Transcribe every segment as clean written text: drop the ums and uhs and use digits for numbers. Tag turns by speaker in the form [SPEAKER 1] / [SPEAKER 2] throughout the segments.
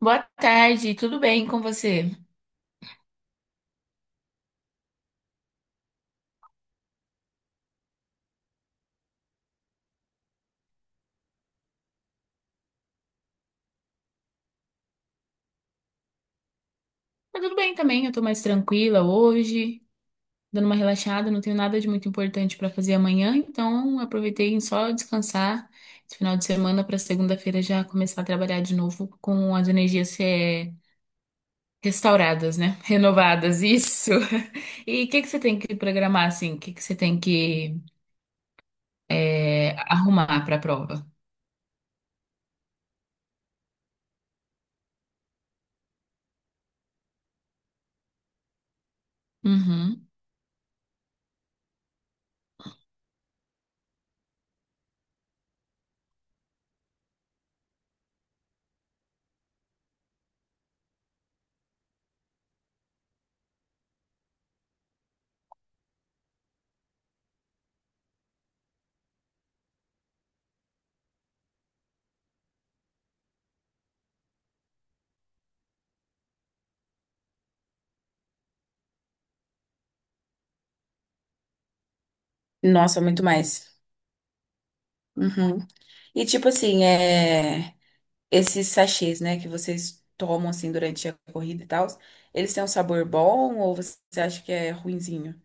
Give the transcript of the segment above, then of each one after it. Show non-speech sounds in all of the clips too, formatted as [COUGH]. [SPEAKER 1] Boa tarde, tudo bem com você? Tá tudo bem também, eu tô mais tranquila hoje, dando uma relaxada, não tenho nada de muito importante pra fazer amanhã, então aproveitei em só descansar esse final de semana pra segunda-feira já começar a trabalhar de novo com as energias restauradas, né? Renovadas, isso. [LAUGHS] E o que que você tem que programar assim? O que que você tem que arrumar pra prova? Uhum. Nossa, muito mais. Uhum. E tipo assim, é, esses sachês, né, que vocês tomam assim durante a corrida e tal, eles têm um sabor bom ou você acha que é ruinzinho?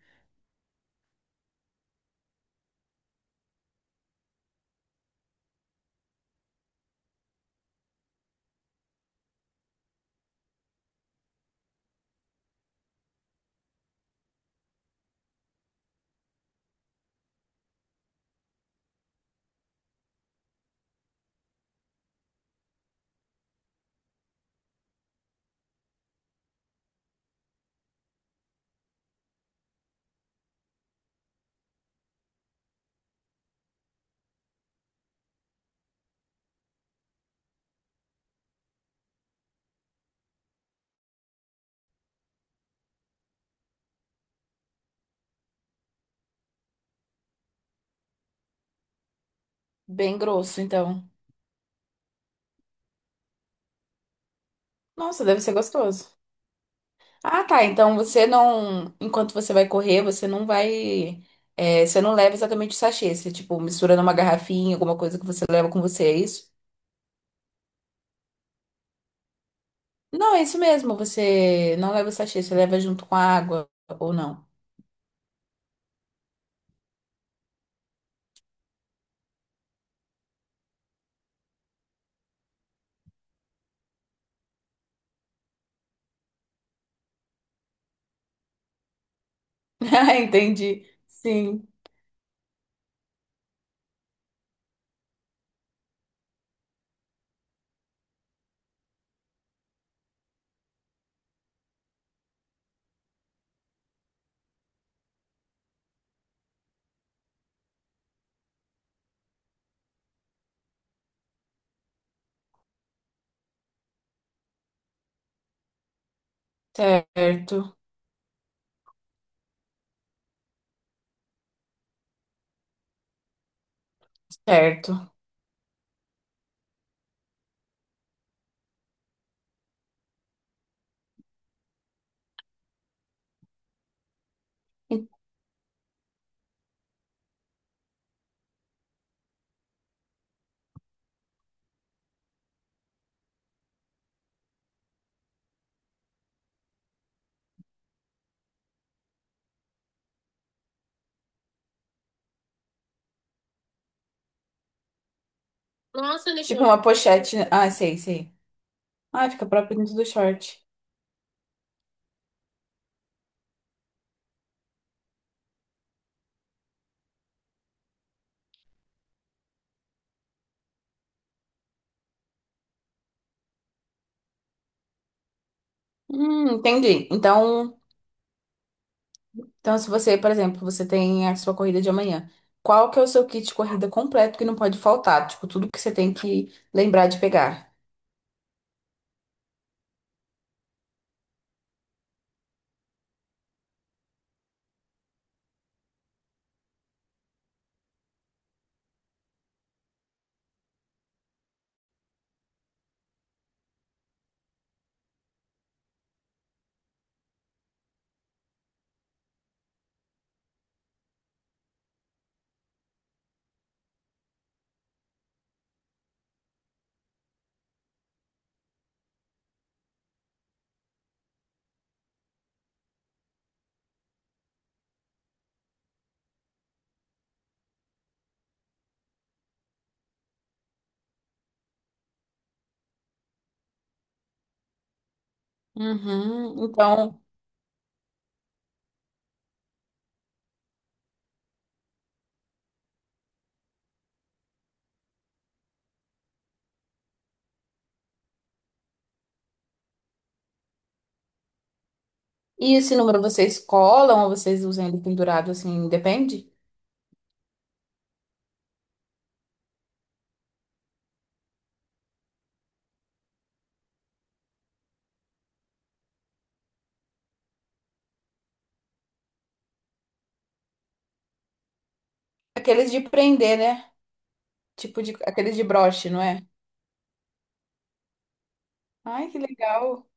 [SPEAKER 1] Bem grosso, então. Nossa, deve ser gostoso. Ah, tá. Então você não. Enquanto você vai correr, você não vai, é, você não leva exatamente o sachê. Você, tipo, mistura numa garrafinha, alguma coisa que você leva com você, é isso? Não, é isso mesmo. Você não leva o sachê, você leva junto com a água, ou não. [LAUGHS] Ah, entendi. Sim. Certo. Certo. Nossa, tipo eu, uma pochete, né? Ah, sei, sei. Ah, fica próprio dentro do short. Entendi. Então, então, se você, por exemplo, você tem a sua corrida de amanhã, qual que é o seu kit de corrida completo que não pode faltar? Tipo, tudo que você tem que lembrar de pegar. Uhum. Então, e esse número vocês colam ou vocês usam ele pendurado assim? Depende. Aqueles de prender, né? Tipo de aqueles de broche, não é? Ai, que legal.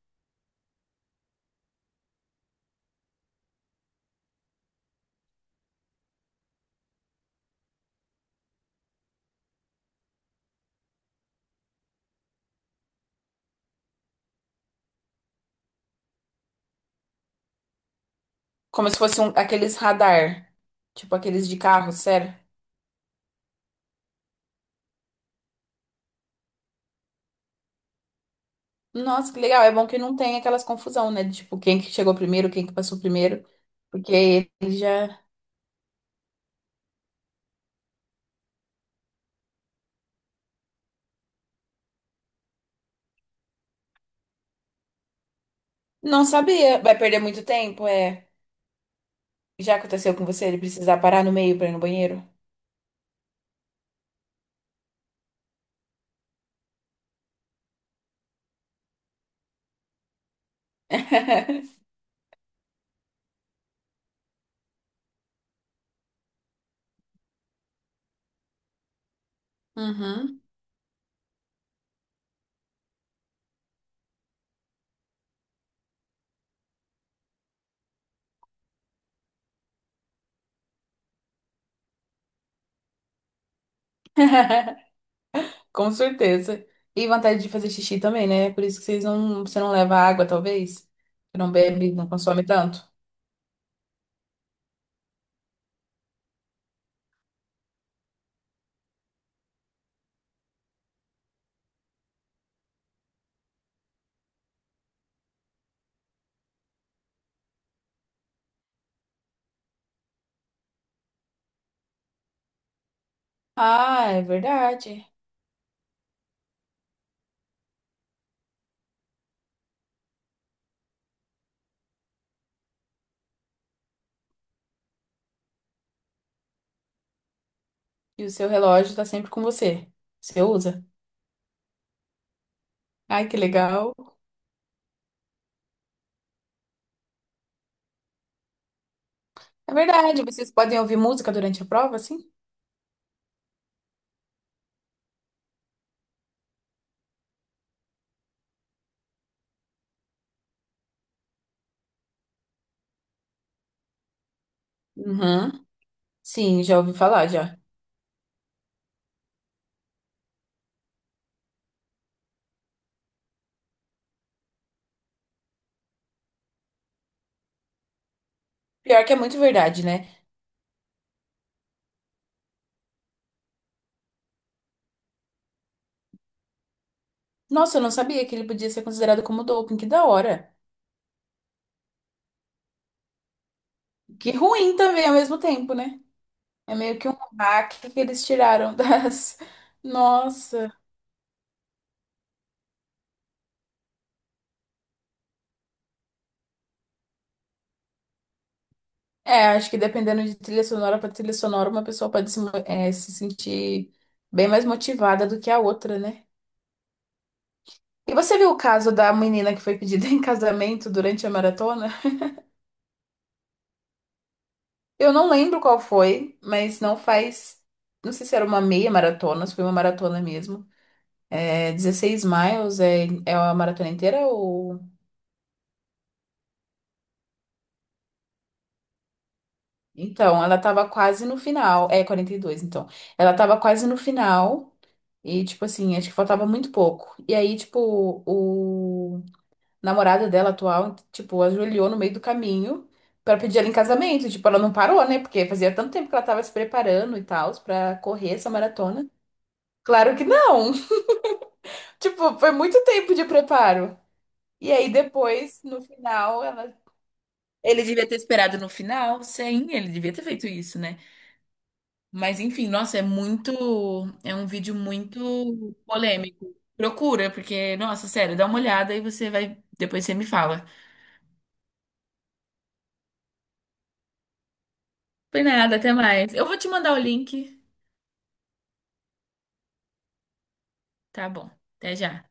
[SPEAKER 1] Como se fosse um, aqueles radar, tipo aqueles de carro, sério. Nossa, que legal. É bom que não tem aquelas confusão, né? De, tipo, quem que chegou primeiro, quem que passou primeiro. Porque ele já não sabia. Vai perder muito tempo, é. Já aconteceu com você? Ele precisar parar no meio pra ir no banheiro? [LAUGHS] Uhum. [LAUGHS] Com certeza. E vontade de fazer xixi também, né? Por isso que vocês não, você não leva água, talvez. Você não bebe, não consome tanto. Ah, é verdade. E o seu relógio tá sempre com você. Você usa. Ai, que legal. É verdade. Vocês podem ouvir música durante a prova, assim? Uhum. Sim, já ouvi falar já. Pior que é muito verdade, né? Nossa, eu não sabia que ele podia ser considerado como doping, que da hora. Que ruim também ao mesmo tempo, né? É meio que um hack que eles tiraram [LAUGHS] das. Nossa. É, acho que dependendo de trilha sonora para trilha sonora, uma pessoa pode se, é, se sentir bem mais motivada do que a outra, né? E você viu o caso da menina que foi pedida [LAUGHS] em casamento durante a maratona? Eu não lembro qual foi, mas não faz. Não sei se era uma meia maratona, se foi uma maratona mesmo. É 16 miles, é, é a maratona inteira ou. Então, ela tava quase no final. É 42, então. Ela tava quase no final. E, tipo assim, acho que faltava muito pouco. E aí, tipo, o namorado dela atual, tipo, ajoelhou no meio do caminho pra pedir ela em casamento. Tipo, ela não parou, né? Porque fazia tanto tempo que ela tava se preparando e tal pra correr essa maratona. Claro que não! Tipo, foi muito tempo de preparo. E aí depois, no final, ela. Ele devia ter esperado no final, sim, ele devia ter feito isso, né? Mas enfim, nossa, é muito, é um vídeo muito polêmico. Procura, porque, nossa, sério, dá uma olhada e você vai, depois você me fala. Foi nada, até mais. Eu vou te mandar o link. Tá bom, até já.